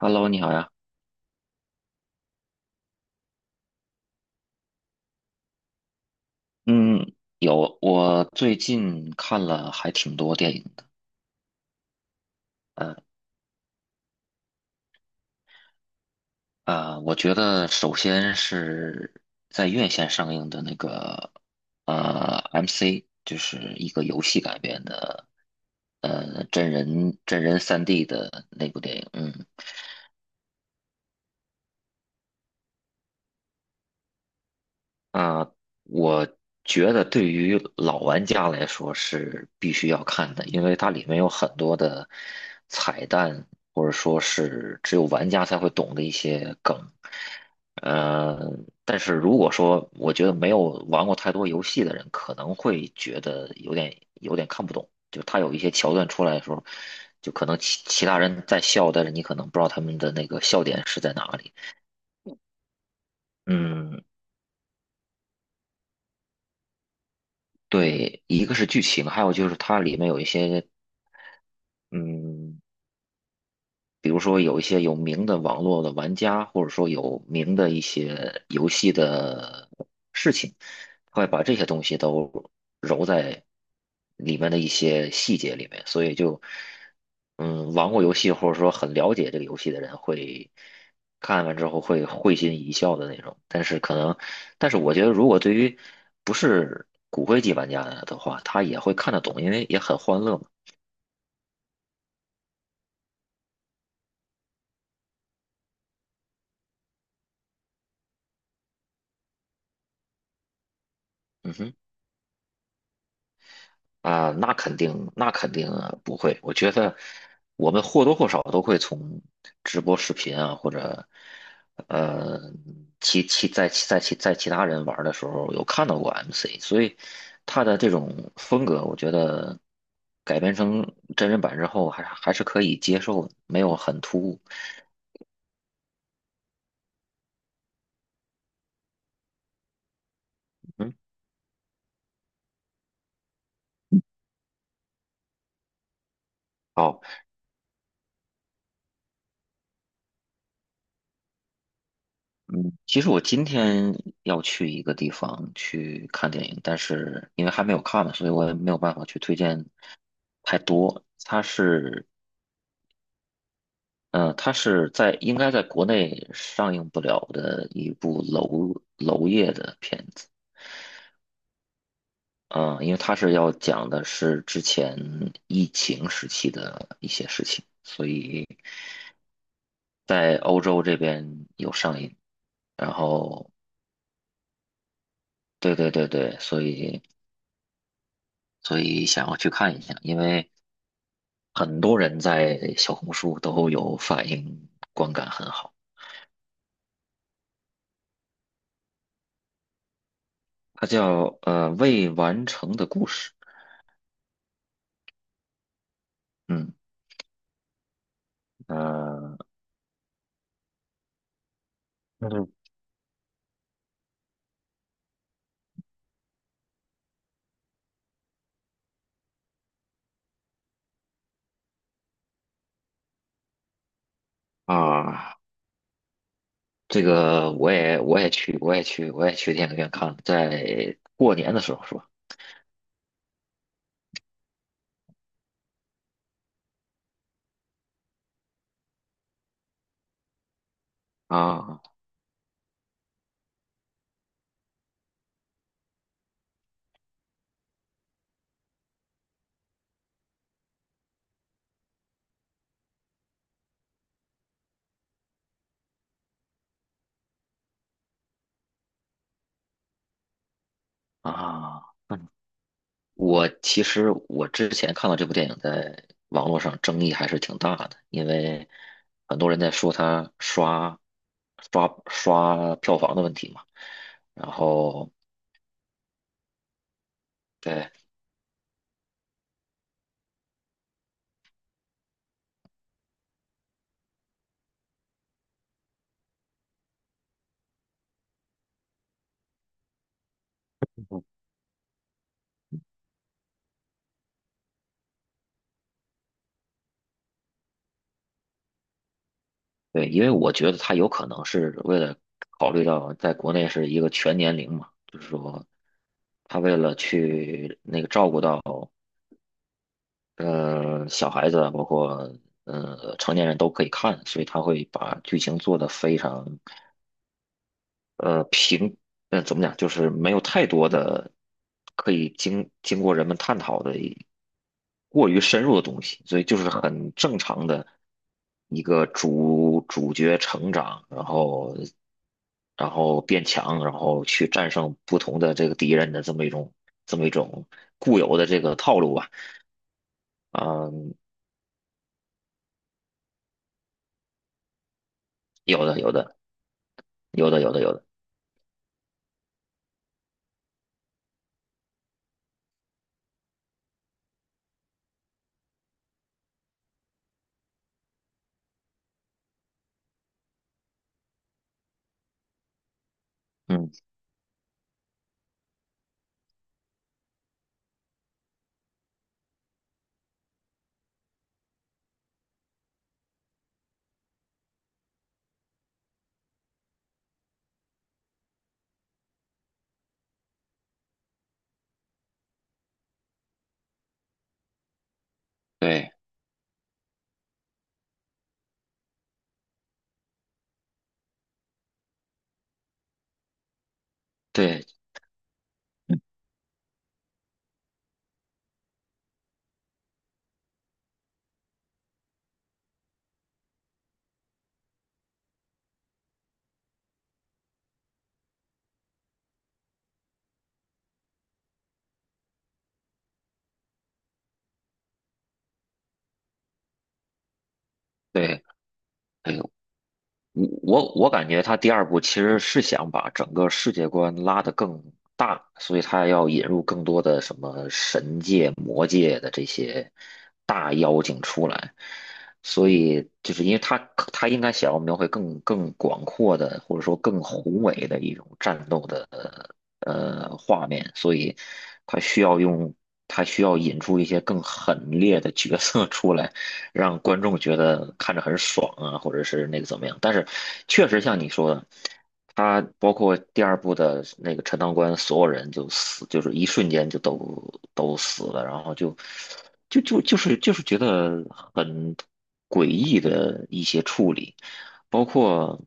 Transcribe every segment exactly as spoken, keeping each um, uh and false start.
Hello，你好呀。嗯，有，我最近看了还挺多电影的。嗯啊，我觉得首先是在院线上映的那个呃 M C，就是一个游戏改编的呃真人真人三 D 的那部电影。嗯，啊，我觉得对于老玩家来说是必须要看的，因为它里面有很多的彩蛋，或者说是只有玩家才会懂的一些梗。呃，但是如果说我觉得没有玩过太多游戏的人，可能会觉得有点有点看不懂，就他有一些桥段出来的时候，就可能其其他人在笑，但是你可能不知道他们的那个笑点是在哪里。嗯，对，一个是剧情，还有就是它里面有一些嗯比如说有一些有名的网络的玩家，或者说有名的一些游戏的事情，他会把这些东西都揉在里面的一些细节里面，所以就，嗯，玩过游戏或者说很了解这个游戏的人会看完之后会会心一笑的那种。但是可能，但是我觉得如果对于不是骨灰级玩家的话，他也会看得懂，因为也很欢乐嘛。嗯哼。啊，那肯定，那肯定不会。我觉得我们或多或少都会从直播视频啊，或者呃，其其在其在其在其他人玩的时候有看到过 M C，所以他的这种风格，我觉得改编成真人版之后还还是可以接受的，没有很突兀。嗯，好。嗯，其实我今天要去一个地方去看电影，但是因为还没有看嘛，所以我也没有办法去推荐太多。它是，嗯，它是在应该在国内上映不了的一部娄娄烨的片子，嗯、因为它是要讲的是之前疫情时期的一些事情，所以在欧洲这边有上映。然后，对对对对，所以所以想要去看一下，因为。很多人在小红书都有反映，观感很好。它叫呃未完成的故事，嗯呃嗯，啊，这个我也我也去我也去我也去电影院看了，在过年的时候是吧？啊啊，嗯我其实我之前看到这部电影在网络上争议还是挺大的，因为很多人在说它刷刷刷票房的问题嘛。然后对对，因为我觉得他有可能是为了考虑到在国内是一个全年龄嘛，就是说他为了去那个照顾到呃小孩子啊，包括呃成年人都可以看，所以他会把剧情做得非常呃平，呃怎么讲，就是没有太多的可以经经过人们探讨的一过于深入的东西，所以就是很正常的一个主主角成长，然后然后变强，然后去战胜不同的这个敌人的这么一种这么一种固有的这个套路吧，嗯，有的有的有的有的有的，嗯，对对对。我我我感觉他第二部其实是想把整个世界观拉得更大，所以他要引入更多的什么神界、魔界的这些大妖精出来，所以就是因为他他应该想要描绘更更广阔的，或者说更宏伟的一种战斗的呃画面，所以他需要用他需要引出一些更狠烈的角色出来。让观众觉得看着很爽啊，或者是那个怎么样。但是确实像你说的，他包括第二部的那个陈塘关，所有人就死，就是一瞬间就都都死了，然后就就就就是就是觉得很诡异的一些处理，包括。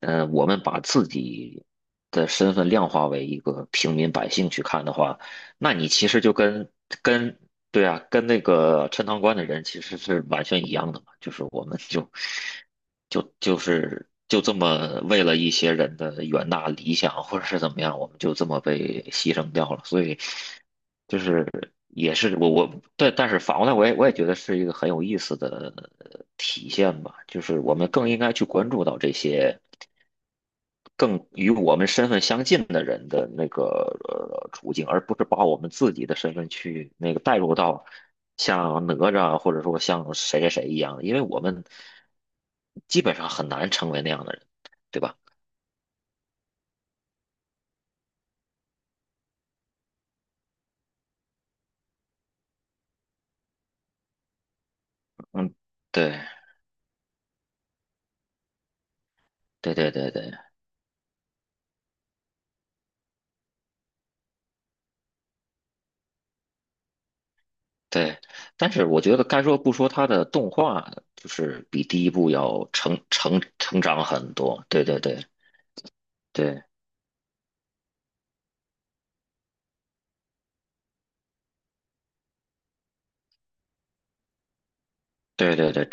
呃，我们把自己的身份量化为一个平民百姓去看的话，那你其实就跟跟对啊，跟那个陈塘关的人其实是完全一样的嘛，就是我们就就就是就这么为了一些人的远大理想或者是怎么样，我们就这么被牺牲掉了，所以就是也是我我对，但是反过来我也我也觉得是一个很有意思的呃体现吧，就是我们更应该去关注到这些。更与我们身份相近的人的那个呃处境，而不是把我们自己的身份去那个带入到像哪吒啊或者说像谁谁谁一样，因为我们基本上很难成为那样的人，对吧？嗯，对对对对对对。但是我觉得该说不说，他的动画就是比第一部要成成成长很多。对对对对对对对，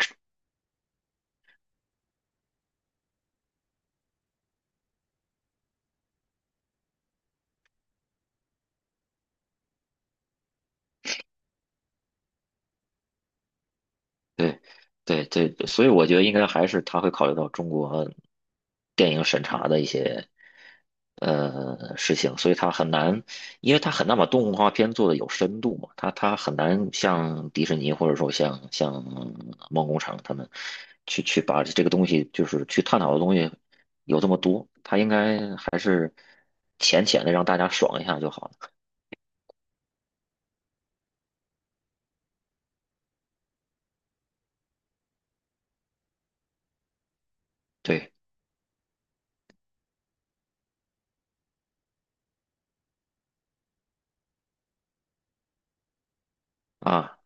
对，对，对，所以我觉得应该还是他会考虑到中国电影审查的一些呃事情，所以他很难，因为他很难把动画片做的有深度嘛，他他很难像迪士尼或者说像像梦工厂他们去去把这个东西就是去探讨的东西有这么多，他应该还是浅浅的让大家爽一下就好了。对啊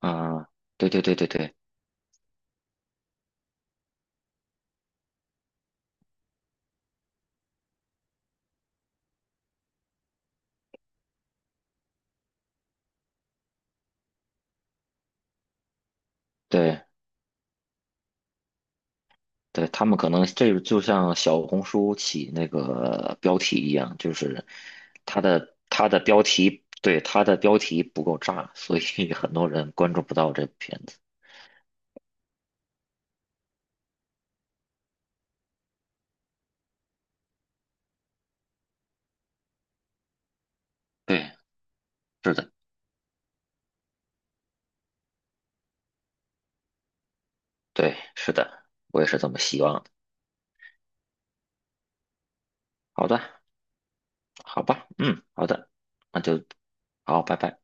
啊，对对对对对对。对，他们可能这个就像小红书起那个标题一样，就是它的它的标题，对，它的标题不够炸，所以 很多人关注不到这部片子。对，是的，对，是的，我也是这么希望的。好的，好吧，嗯，好的，那就好，拜拜。